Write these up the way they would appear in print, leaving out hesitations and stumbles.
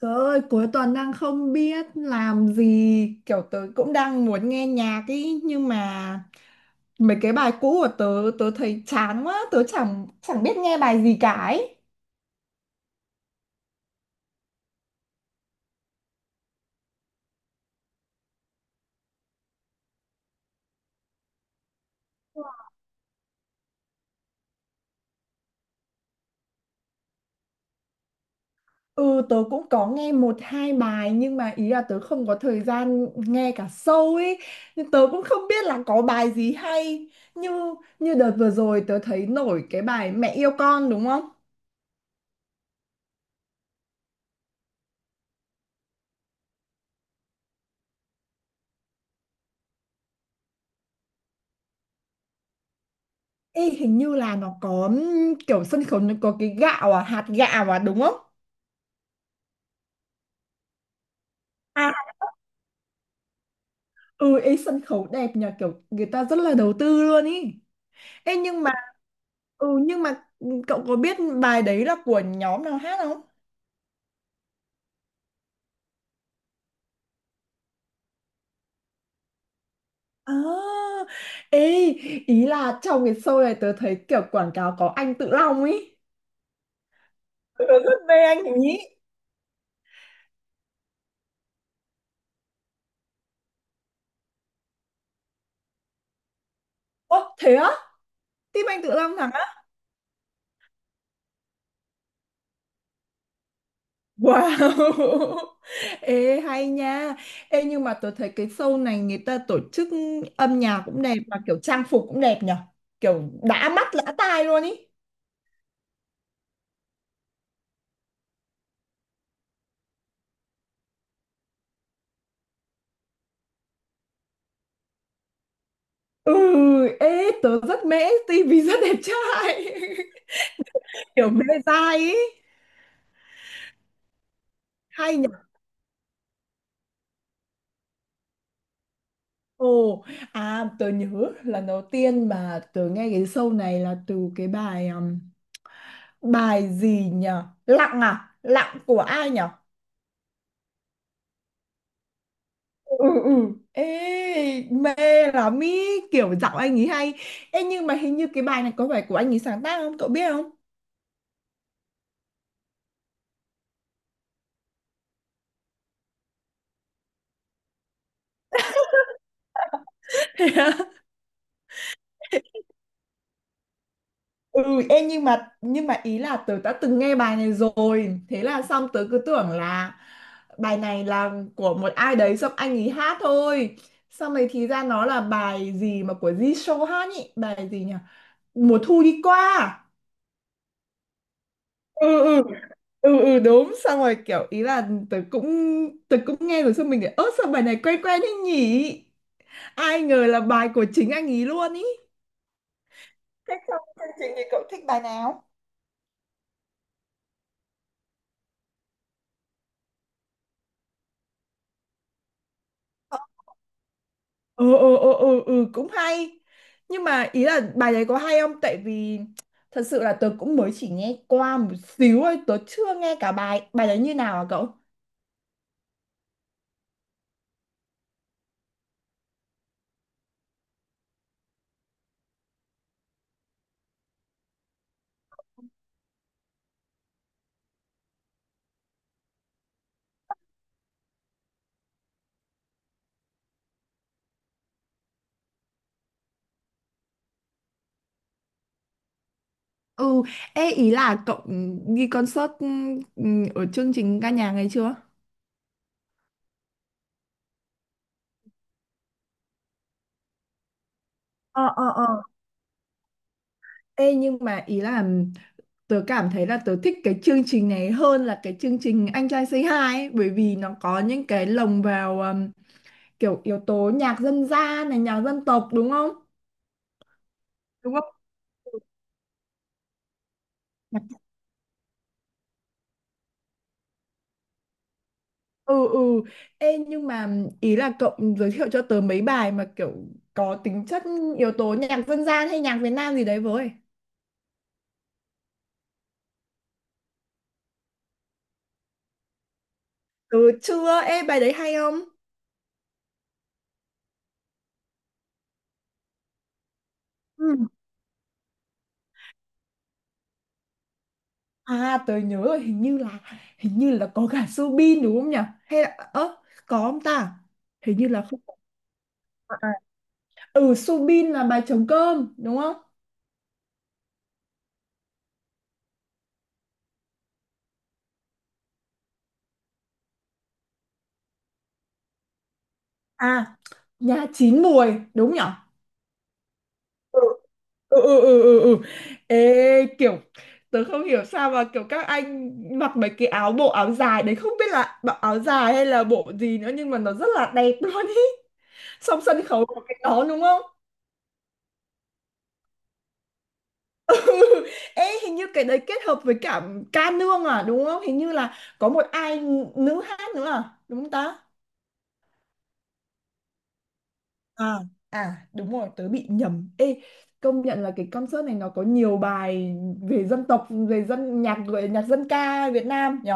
Trời ơi, cuối tuần đang không biết làm gì, kiểu tớ cũng đang muốn nghe nhạc ý, nhưng mà mấy cái bài cũ của tớ, tớ thấy chán quá, tớ chẳng chẳng biết nghe bài gì cả ấy. Ừ, tớ cũng có nghe một hai bài nhưng mà ý là tớ không có thời gian nghe cả show ấy, nên tớ cũng không biết là có bài gì hay. Như như đợt vừa rồi tớ thấy nổi cái bài Mẹ yêu con đúng không? Ê, hình như là nó có kiểu sân khấu nó có cái gạo à, hạt gạo à đúng không? Ừ, ý sân khấu đẹp nhờ, kiểu người ta rất là đầu tư luôn ý. Ê, nhưng mà cậu có biết bài đấy là của nhóm nào hát không? À, ê, ý là trong cái show này tớ thấy kiểu quảng cáo có anh Tự Long ý. Tớ rất mê anh ý. Ồ, thế á? Team anh Tự Long thắng á? Wow. Ê hay nha. Ê nhưng mà tớ thấy cái show này người ta tổ chức âm nhạc cũng đẹp, mà kiểu trang phục cũng đẹp nhở. Kiểu đã mắt lã tai luôn ý. Ừ, ê tớ rất mê, tivi rất đẹp trai. Kiểu mê dai ý, hay nhỉ. Ồ, à tớ nhớ lần đầu tiên mà tớ nghe cái show này là từ cái bài bài gì nhỉ, lặng à, lặng của ai nhỉ. Ừ, ừ, ê mê lắm ý, kiểu giọng anh ấy hay. Ê, nhưng mà hình như cái bài này có phải của anh ấy sáng tác không, cậu biết không? Ừ, em, nhưng mà ý là tớ đã từng nghe bài này rồi, thế là xong tớ cứ tưởng là bài này là của một ai đấy xong anh ấy hát thôi. Xong rồi thì ra nó là bài gì mà của Jisoo hát nhỉ, bài gì nhỉ, mùa thu đi qua à? Ừ, ừ, ừ, ừ đúng, xong rồi kiểu ý là tớ cũng nghe rồi, xong mình để ớt sao bài này quen quen thế nhỉ, ai ngờ là bài của chính anh ý luôn ý. Thế xong chương trình thì cậu thích bài nào? Ừ, ừ, ừ, ừ, ừ, cũng hay, nhưng mà ý là bài đấy có hay không, tại vì thật sự là tớ cũng mới chỉ nghe qua một xíu thôi, tớ chưa nghe cả bài, bài đấy như nào à cậu? Ừ, ê ý là cậu đi concert, ừ, ở chương trình ca nhạc này chưa? Ờ, ờ, ờ. Ê nhưng mà ý là tớ cảm thấy là tớ thích cái chương trình này hơn là cái chương trình Anh trai Say Hi ấy, bởi vì nó có những cái lồng vào kiểu yếu tố nhạc dân gian này, nhạc dân tộc đúng không? Đúng không? Ừ, ừ, ê nhưng mà ý là cậu giới thiệu cho tớ mấy bài mà kiểu có tính chất yếu tố nhạc dân gian hay nhạc Việt Nam gì đấy với. Ừ chưa, ê bài đấy hay không? Ừ. À tớ nhớ rồi, hình như là có cả Subin đúng không nhỉ, hay là ơ, có không ta, hình như là không. À, à. Ừ, Subin là bài trống cơm đúng không? À, nhà chín muồi đúng nhỉ. Ừ, ừ, ừ, ừ, ừ. Ừ. Ê kiểu tớ không hiểu sao mà kiểu các anh mặc mấy cái áo, bộ áo dài đấy, không biết là bộ áo dài hay là bộ gì nữa, nhưng mà nó rất là đẹp luôn ý. Xong sân khấu có cái đó đúng không? Ê hình như cái đấy kết hợp với cả ca nương à đúng không, hình như là có một ai nữ hát nữa à đúng không ta? À, à đúng rồi tớ bị nhầm. Ê công nhận là cái concert này nó có nhiều bài về dân tộc, về dân nhạc, gọi là nhạc dân ca Việt Nam nhỉ.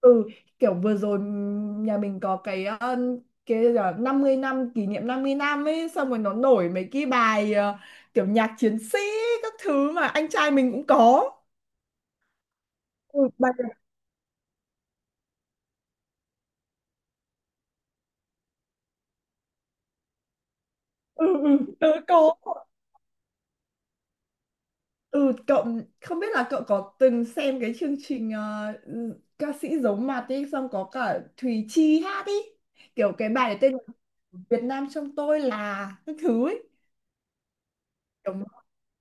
Ừ, kiểu vừa rồi nhà mình có cái là 50 năm, kỷ niệm 50 năm ấy, xong rồi nó nổi mấy cái bài kiểu nhạc chiến sĩ các thứ mà anh trai mình cũng có. Ừ, bài. Ừ, ừ tớ có. Ừ, cậu không biết là cậu có từng xem cái chương trình ca sĩ giấu mặt ấy, xong có cả Thùy Chi hát ấy, kiểu cái bài này tên là Việt Nam trong tôi là các thứ ấy.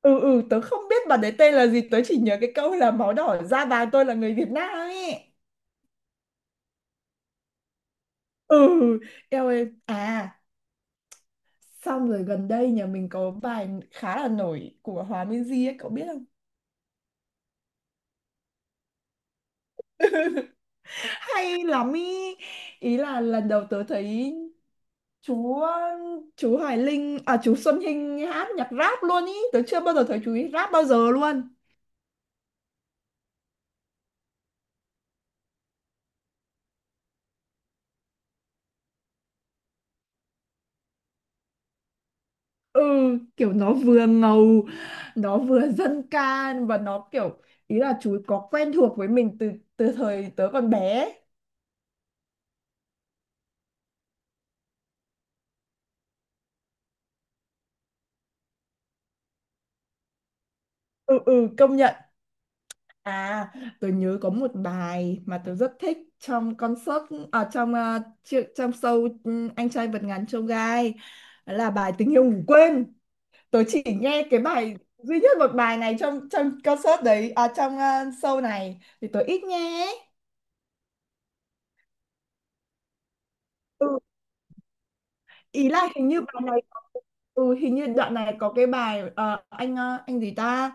Ừ, ừ tớ không biết bà đấy tên là gì, tớ chỉ nhớ cái câu là máu đỏ da vàng tôi là người Việt Nam ấy. Ừ, eo ơi, à xong rồi gần đây nhà mình có bài khá là nổi của Hòa Minzy ấy, cậu biết không, hay lắm ý. Ý là lần đầu tớ thấy chú chú Hoài Linh, à chú Xuân Hinh hát nhạc rap luôn ý, tớ chưa bao giờ thấy chú ấy rap bao giờ luôn. Ừ, kiểu nó vừa ngầu, nó vừa dân ca và nó kiểu ý là chú ấy có quen thuộc với mình từ từ thời tớ còn bé ấy. Ừ, ừ công nhận. À tớ nhớ có một bài mà tớ rất thích trong concert, ở trong trong show, anh trai vượt ngàn chông gai, đó là bài tình yêu ngủ quên. Tớ chỉ nghe cái bài duy nhất một bài này trong trong concert đấy à, trong show này thì tớ ít nghe ấy. Ừ, ý là hình như bài này hình như đoạn này có cái bài anh gì ta,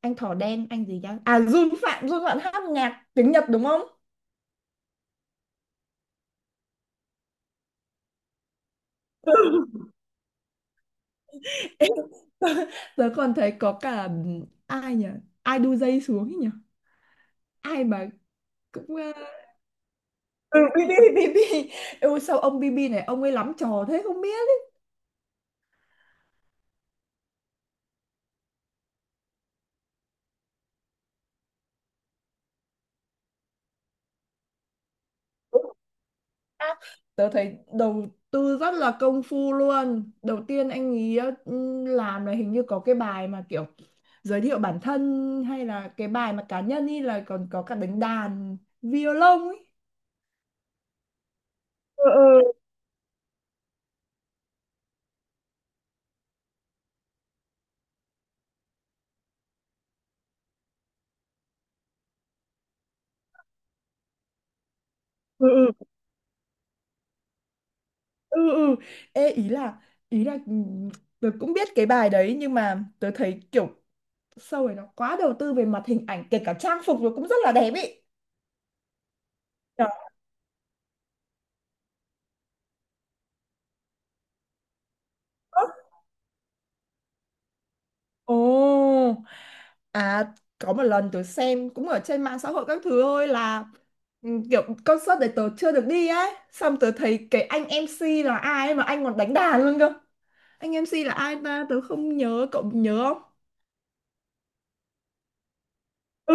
anh thỏ đen anh gì ta, à Jun Phạm hát nhạc tiếng Nhật đúng không? Em, tớ còn thấy có cả ai nhỉ, ai đu dây xuống ấy nhỉ, ai mà cũng ừ, BB, BB, sao ông BB này ông ấy lắm trò thế không biết. Đúng rồi. À, tớ thấy đầu tư rất là công phu luôn, đầu tiên anh ý làm là hình như có cái bài mà kiểu giới thiệu bản thân, hay là cái bài mà cá nhân ý, là còn có cả đánh đàn violon ấy. Ừ, ừ, ừ, ừ, ừ. Ê, ý là tớ cũng biết cái bài đấy nhưng mà tớ thấy kiểu show này nó quá đầu tư về mặt hình ảnh, kể cả trang phục nó cũng rất là đẹp ý. Đó. Ồ. À, có một lần tớ xem cũng ở trên mạng xã hội các thứ thôi, là kiểu concert đấy tớ chưa được đi ấy. Xong tớ thấy cái anh MC là ai ấy mà anh còn đánh đàn luôn cơ. Anh MC là ai ta? Tớ không nhớ, cậu nhớ không? Ừ,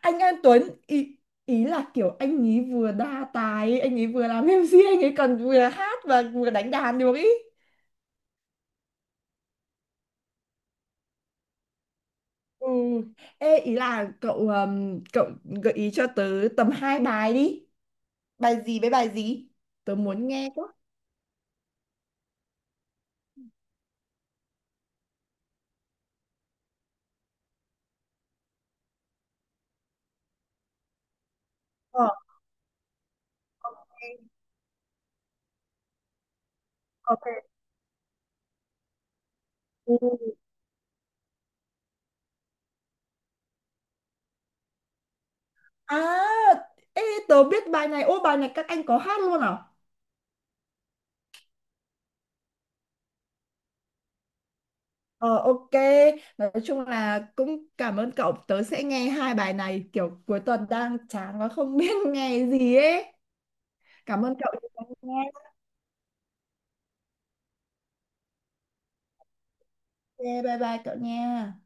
anh An Tuấn ý, ý là kiểu anh ấy vừa đa tài, anh ấy vừa làm MC, anh ấy còn vừa hát và vừa đánh đàn được ý. Ừ. Ê, ý là cậu, cậu gợi ý cho tớ tầm hai bài đi. Bài gì với bài gì? Tớ muốn nghe quá. Ờ, em có thể ừ. À, ê, tớ biết bài này. Ô, bài này các anh có hát luôn à? Ờ, ok. Nói chung là cũng cảm ơn cậu. Tớ sẽ nghe hai bài này. Kiểu cuối tuần đang chán và không biết nghe gì ấy. Cảm ơn cậu đã lắng nghe. Ok, bye bye cậu nha.